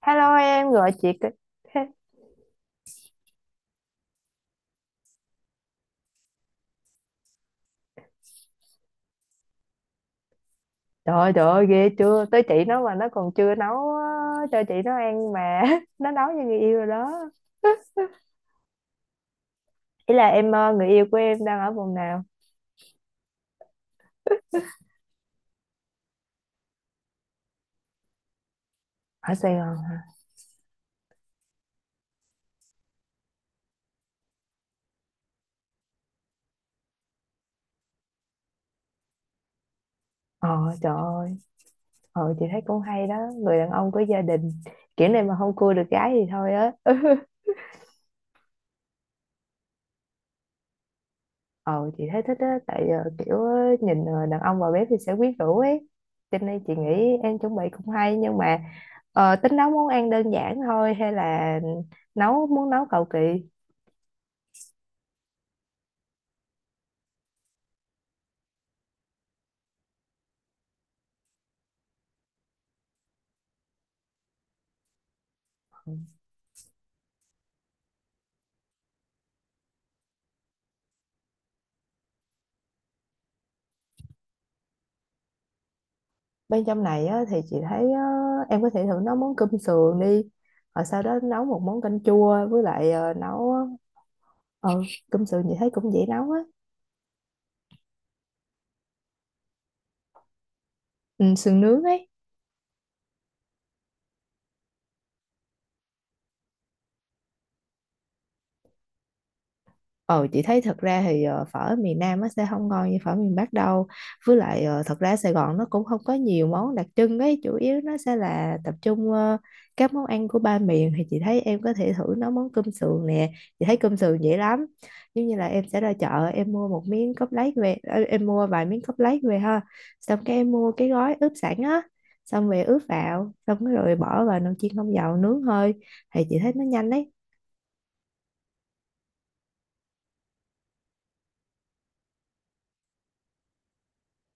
Hello, em gọi chị cái- trời ơi ghê chưa! Tới chị nó mà nó còn chưa nấu á, cho chị nó ăn mà. Nó nấu cho người yêu rồi đó. Ý là em, người yêu của em đang ở vùng nào? Ở Sài Gòn hả? Ờ Trời ơi. Chị thấy cũng hay đó. Người đàn ông có gia đình kiểu này mà không cua được gái thì thôi á. Ờ chị thấy thích á, tại kiểu, nhìn, đàn ông vào bếp thì sẽ quyến rũ ấy, cho nên chị nghĩ em chuẩn bị cũng hay, nhưng mà tính nấu món ăn đơn giản thôi hay là muốn nấu cầu kỳ? Bên trong này á, thì chị thấy á, em có thể thử nấu món cơm sườn đi, rồi sau đó nấu một món canh chua với lại ờ, nấu ờ, Cơm sườn chị thấy cũng dễ nấu á. Ừ, sườn nướng ấy. Ờ chị thấy thật ra thì phở miền Nam nó sẽ không ngon như phở miền Bắc đâu. Với lại thật ra Sài Gòn nó cũng không có nhiều món đặc trưng ấy, chủ yếu nó sẽ là tập trung các món ăn của ba miền. Thì chị thấy em có thể thử nấu món cơm sườn nè. Chị thấy cơm sườn dễ lắm. Giống như là em sẽ ra chợ em mua một miếng cốt lết về, em mua vài miếng cốt lết về ha. Xong cái em mua cái gói ướp sẵn á. Xong về ướp vào, xong rồi bỏ vào nồi chiên không dầu nướng hơi thì chị thấy nó nhanh đấy.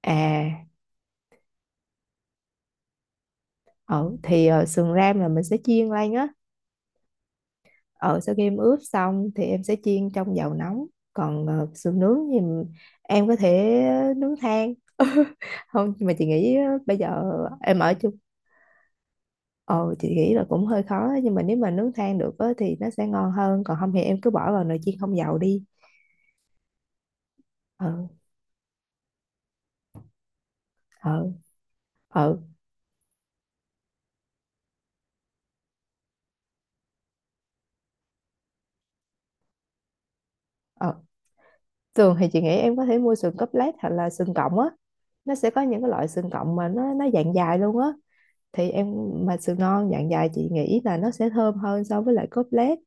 À. Ừ, thì sườn ram là mình sẽ chiên lên á. Ờ Sau khi em ướp xong thì em sẽ chiên trong dầu nóng. Còn sườn nướng thì em có thể nướng than. Không, nhưng mà chị nghĩ bây giờ em ở chung. Ờ chị nghĩ là cũng hơi khó á, nhưng mà nếu mà nướng than được á, thì nó sẽ ngon hơn. Còn không thì em cứ bỏ vào nồi chiên không dầu đi. Ờ. Ờ. Ờ. Ờ. Thường thì chị nghĩ em có thể mua sườn cốt lết hoặc là sườn cọng á. Nó sẽ có những cái loại sườn cọng mà nó dạng dài luôn á. Thì em, mà sườn non dạng dài chị nghĩ là nó sẽ thơm hơn so với lại cốt lết.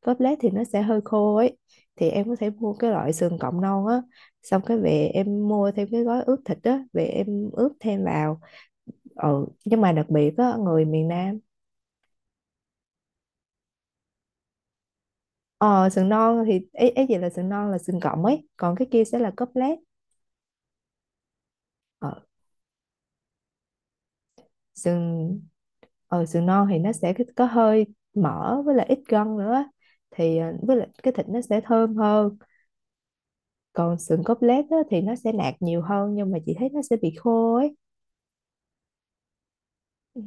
Cốt lết thì nó sẽ hơi khô ấy. Thì em có thể mua cái loại sườn cọng non á. Xong cái về em mua thêm cái gói ướp thịt á. Về em ướp thêm vào. Ừ, nhưng mà đặc biệt á, người miền Nam. Ờ, sườn non thì ấy ý gì là sườn non là sườn cọng ấy. Còn cái kia sẽ là cốt lết. Ờ, sườn sườn non thì nó sẽ có hơi mỡ với lại ít gân nữa á. Thì với lại cái thịt nó sẽ thơm hơn. Còn sườn cốt lết á, thì nó sẽ nạc nhiều hơn, nhưng mà chị thấy nó sẽ bị khô ấy. Ừ.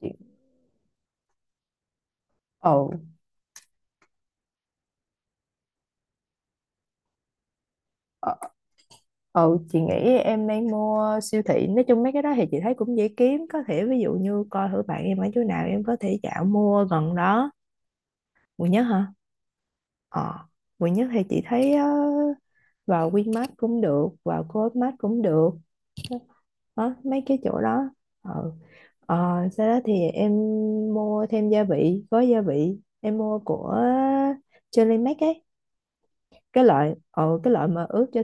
Chị- Ồ. ờ, chị nghĩ em nên mua siêu thị, nói chung mấy cái đó thì chị thấy cũng dễ kiếm, có thể ví dụ như coi thử bạn em ở chỗ nào em có thể dạo mua gần đó. Quận Nhất hả? ờ Quận Nhất thì chị thấy, vào Winmart cũng được, vào Co.opmart cũng được đó, mấy cái chỗ đó. Ừ. ờ, Sau đó thì em mua thêm gia vị, gói gia vị em mua của Jelly Mac ấy. Cái loại mà ướp cho.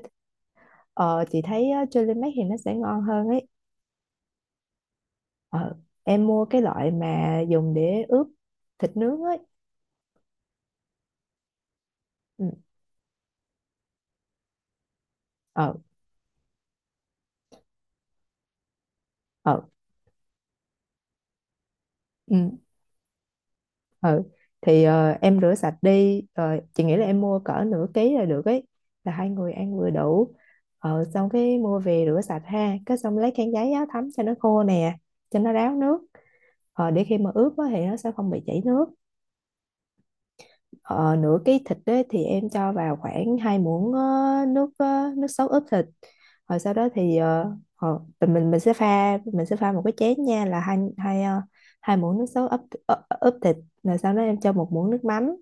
Chị thấy á, Jelly Mac thì nó sẽ ngon hơn ấy. ờ, em mua cái loại mà dùng để ướp thịt nướng ấy. Ừ. Ờ. Ờ. Ừ. ừ thì em rửa sạch đi. Ờ, chị nghĩ là em mua cỡ nửa ký là được ấy, là hai người ăn vừa đủ. Xong cái mua về rửa sạch ha, cái xong lấy khăn giấy á, thấm cho nó khô nè, cho nó ráo nước. Ờ, để khi mà ướp á, thì nó sẽ không bị chảy nước. Ờ, nửa cái thịt đấy thì em cho vào khoảng 2 muỗng nước sốt ướp thịt. Rồi sau đó thì mình sẽ pha, một cái chén nha, là hai hai ờ, hai muỗng nước sốt ướp, ướp thịt. Rồi sau đó em cho 1 muỗng nước mắm,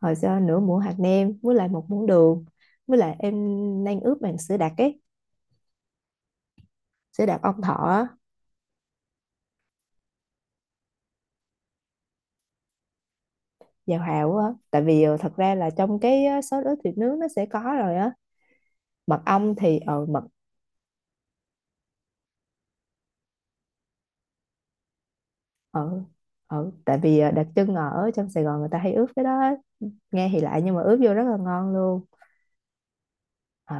rồi cho nửa muỗng hạt nêm với lại 1 muỗng đường, với lại em đang ướp bằng sữa đặc ấy. Sữa đặc ong thọ á. Vào hào á, tại vì thật ra là trong cái sốt ướp thịt nướng nó sẽ có rồi á. Mật ong thì ờ mật ừ Tại vì đặc trưng ở trong Sài Gòn người ta hay ướp cái đó á. Nghe thì lạ nhưng mà ướp vô rất là ngon luôn. Ờ.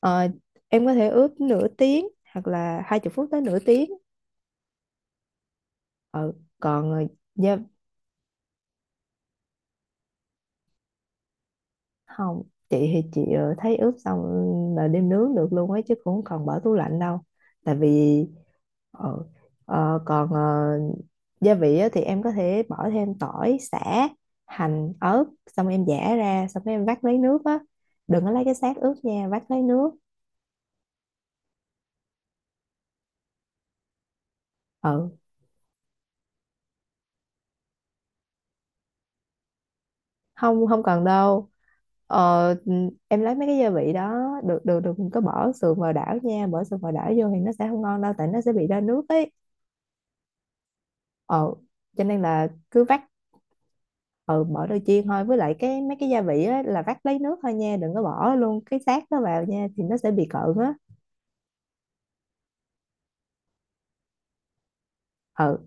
Ờ, em có thể ướp nửa tiếng, hoặc là 20 phút tới nửa tiếng. Ừ. Còn dạ, không. Chị thấy ướp xong là đem nướng được luôn ấy, chứ cũng không cần bỏ tủ lạnh đâu, tại vì. Ừ. Ờ, còn gia vị á, thì em có thể bỏ thêm tỏi, sả, hành, ớt, xong em giã ra, xong cái em vắt lấy nước á, đừng có lấy cái xác ướp nha, vắt lấy nước. Ừ, không không cần đâu. ờ, em lấy mấy cái gia vị đó. Được được, đừng có bỏ sườn vào đảo nha, bỏ sườn vào đảo vô thì nó sẽ không ngon đâu, tại nó sẽ bị ra nước ấy. ờ cho nên là cứ vắt. Ừ, bỏ đôi chiên thôi, với lại cái mấy cái gia vị á là vắt lấy nước thôi nha, đừng có bỏ luôn cái xác đó vào nha, thì nó sẽ bị cợn á. Ừ.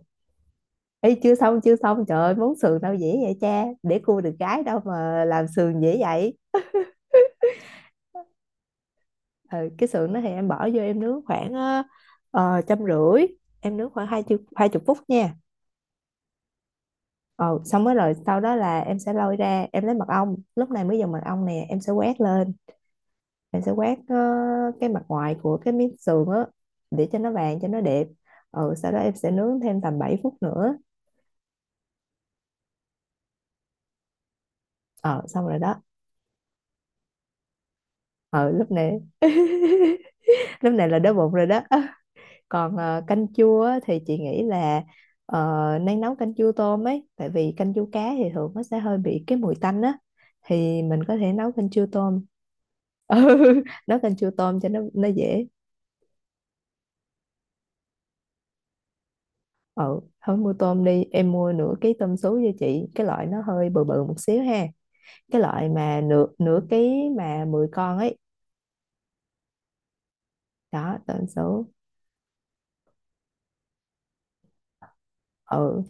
Ấy, chưa xong chưa xong, trời ơi món sườn đâu dễ vậy cha, để cua được gái đâu mà làm sườn dễ vậy. Ừ, cái sườn đó thì em bỏ vô em nướng khoảng 150, em nướng khoảng 20 phút nha. Ừ, xong mới rồi sau đó là em sẽ lôi ra, em lấy mật ong, lúc này mới dùng mật ong nè, em sẽ quét lên, em sẽ quét cái mặt ngoài của cái miếng sườn á, để cho nó vàng, cho nó đẹp. Ừ, sau đó em sẽ nướng thêm tầm 7 phút nữa. Ờ Xong rồi đó. Ờ Lúc này. Lúc này là đói bụng rồi đó. Còn canh chua á, thì chị nghĩ là nên nấu canh chua tôm ấy, tại vì canh chua cá thì thường nó sẽ hơi bị cái mùi tanh á. Thì mình có thể nấu canh chua tôm. Ừ, nấu canh chua tôm cho nó dễ. Ừ, thôi mua tôm đi, em mua nửa ký tôm sú cho chị, cái loại nó hơi bự bự một xíu ha. Cái loại mà nửa nửa ký mà 10 con ấy. Đó, tôm sú. Ừ.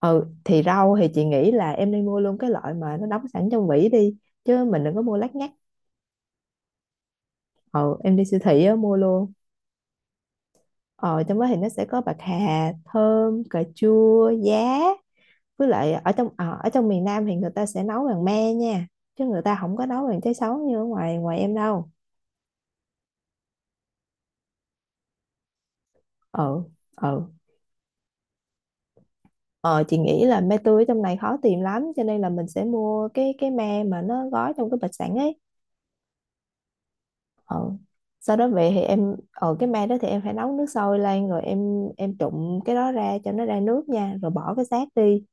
Ừ, thì rau thì chị nghĩ là em nên mua luôn cái loại mà nó đóng sẵn trong vỉ đi, chứ mình đừng có mua lát nhác. Ờ, em đi siêu thị á, mua luôn. Ờ, trong đó thì nó sẽ có bạc hà, thơm, cà chua, giá. Với lại ở trong miền Nam thì người ta sẽ nấu bằng me nha. Chứ người ta không có nấu bằng trái sấu như ở ngoài ngoài em đâu. Ờ. Ờ. Ờ, chị nghĩ là me tươi ở trong này khó tìm lắm, cho nên là mình sẽ mua cái me mà nó gói trong cái bịch sẵn ấy. Ờ. Sau đó về thì em ở cái me đó thì em phải nấu nước sôi lên, rồi em trụng cái đó ra cho nó ra nước nha, rồi bỏ cái xác đi.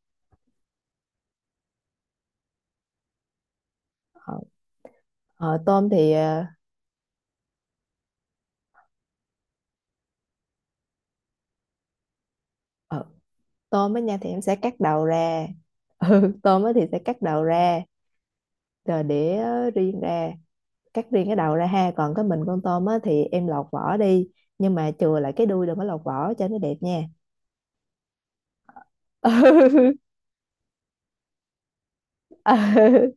ờ, Tôm thì Ờ, tôm á nha, thì em sẽ cắt đầu ra. Ừ, tôm á thì sẽ cắt đầu ra, rồi để riêng ra, cắt riêng cái đầu ra ha, còn cái mình con tôm á thì em lọc vỏ đi, nhưng mà chừa lại cái đuôi, đừng có lọc vỏ cho nó đẹp nha. Ừ. Ừ.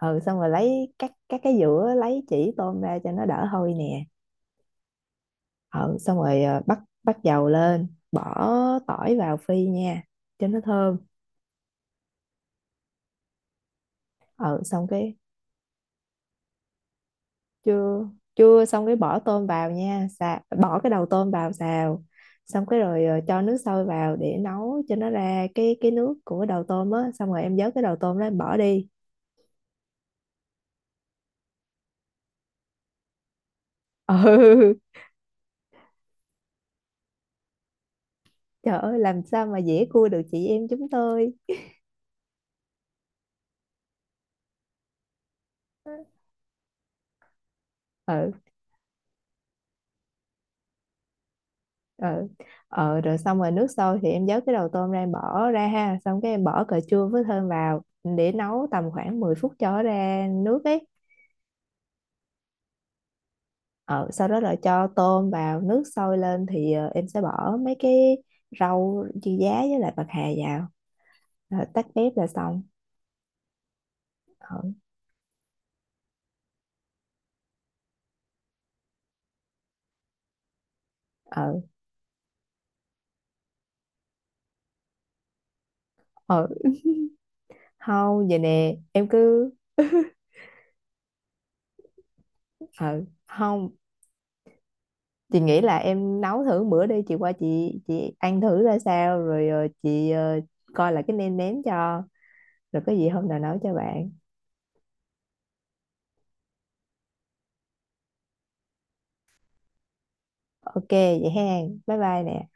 Ừ, xong rồi lấy, cắt cắt cái giữa lấy chỉ tôm ra cho nó đỡ hôi nè. Ừ, xong rồi bắt bắt dầu lên, bỏ tỏi vào phi nha cho nó thơm. Ừ, xong cái. Chưa chưa, xong cái bỏ tôm vào nha, xà, bỏ cái đầu tôm vào xào, xong cái rồi cho nước sôi vào để nấu cho nó ra cái nước của đầu tôm á, xong rồi em vớt cái đầu tôm đó em bỏ đi. Ừ. Trời ơi, làm sao mà dễ cua được chị em chúng tôi. Ừ. Ừ. Rồi xong rồi nước sôi thì em vớt cái đầu tôm ra em bỏ ra ha, xong cái em bỏ cà chua với thơm vào, để nấu tầm khoảng 10 phút cho nó ra nước ấy. Ờ, sau đó là cho tôm vào, nước sôi lên thì em sẽ bỏ mấy cái rau dưa giá với lại bạc hà vào. Rồi tắt bếp là xong. Ờ. Ờ. Ờ, không, vậy nè em cứ. ờ Không, chị nghĩ là em nấu thử bữa đi, chị qua, chị ăn thử ra sao, rồi chị coi là cái nêm nếm cho, rồi có gì hôm nào nấu cho bạn. OK vậy hen, bye bye nè.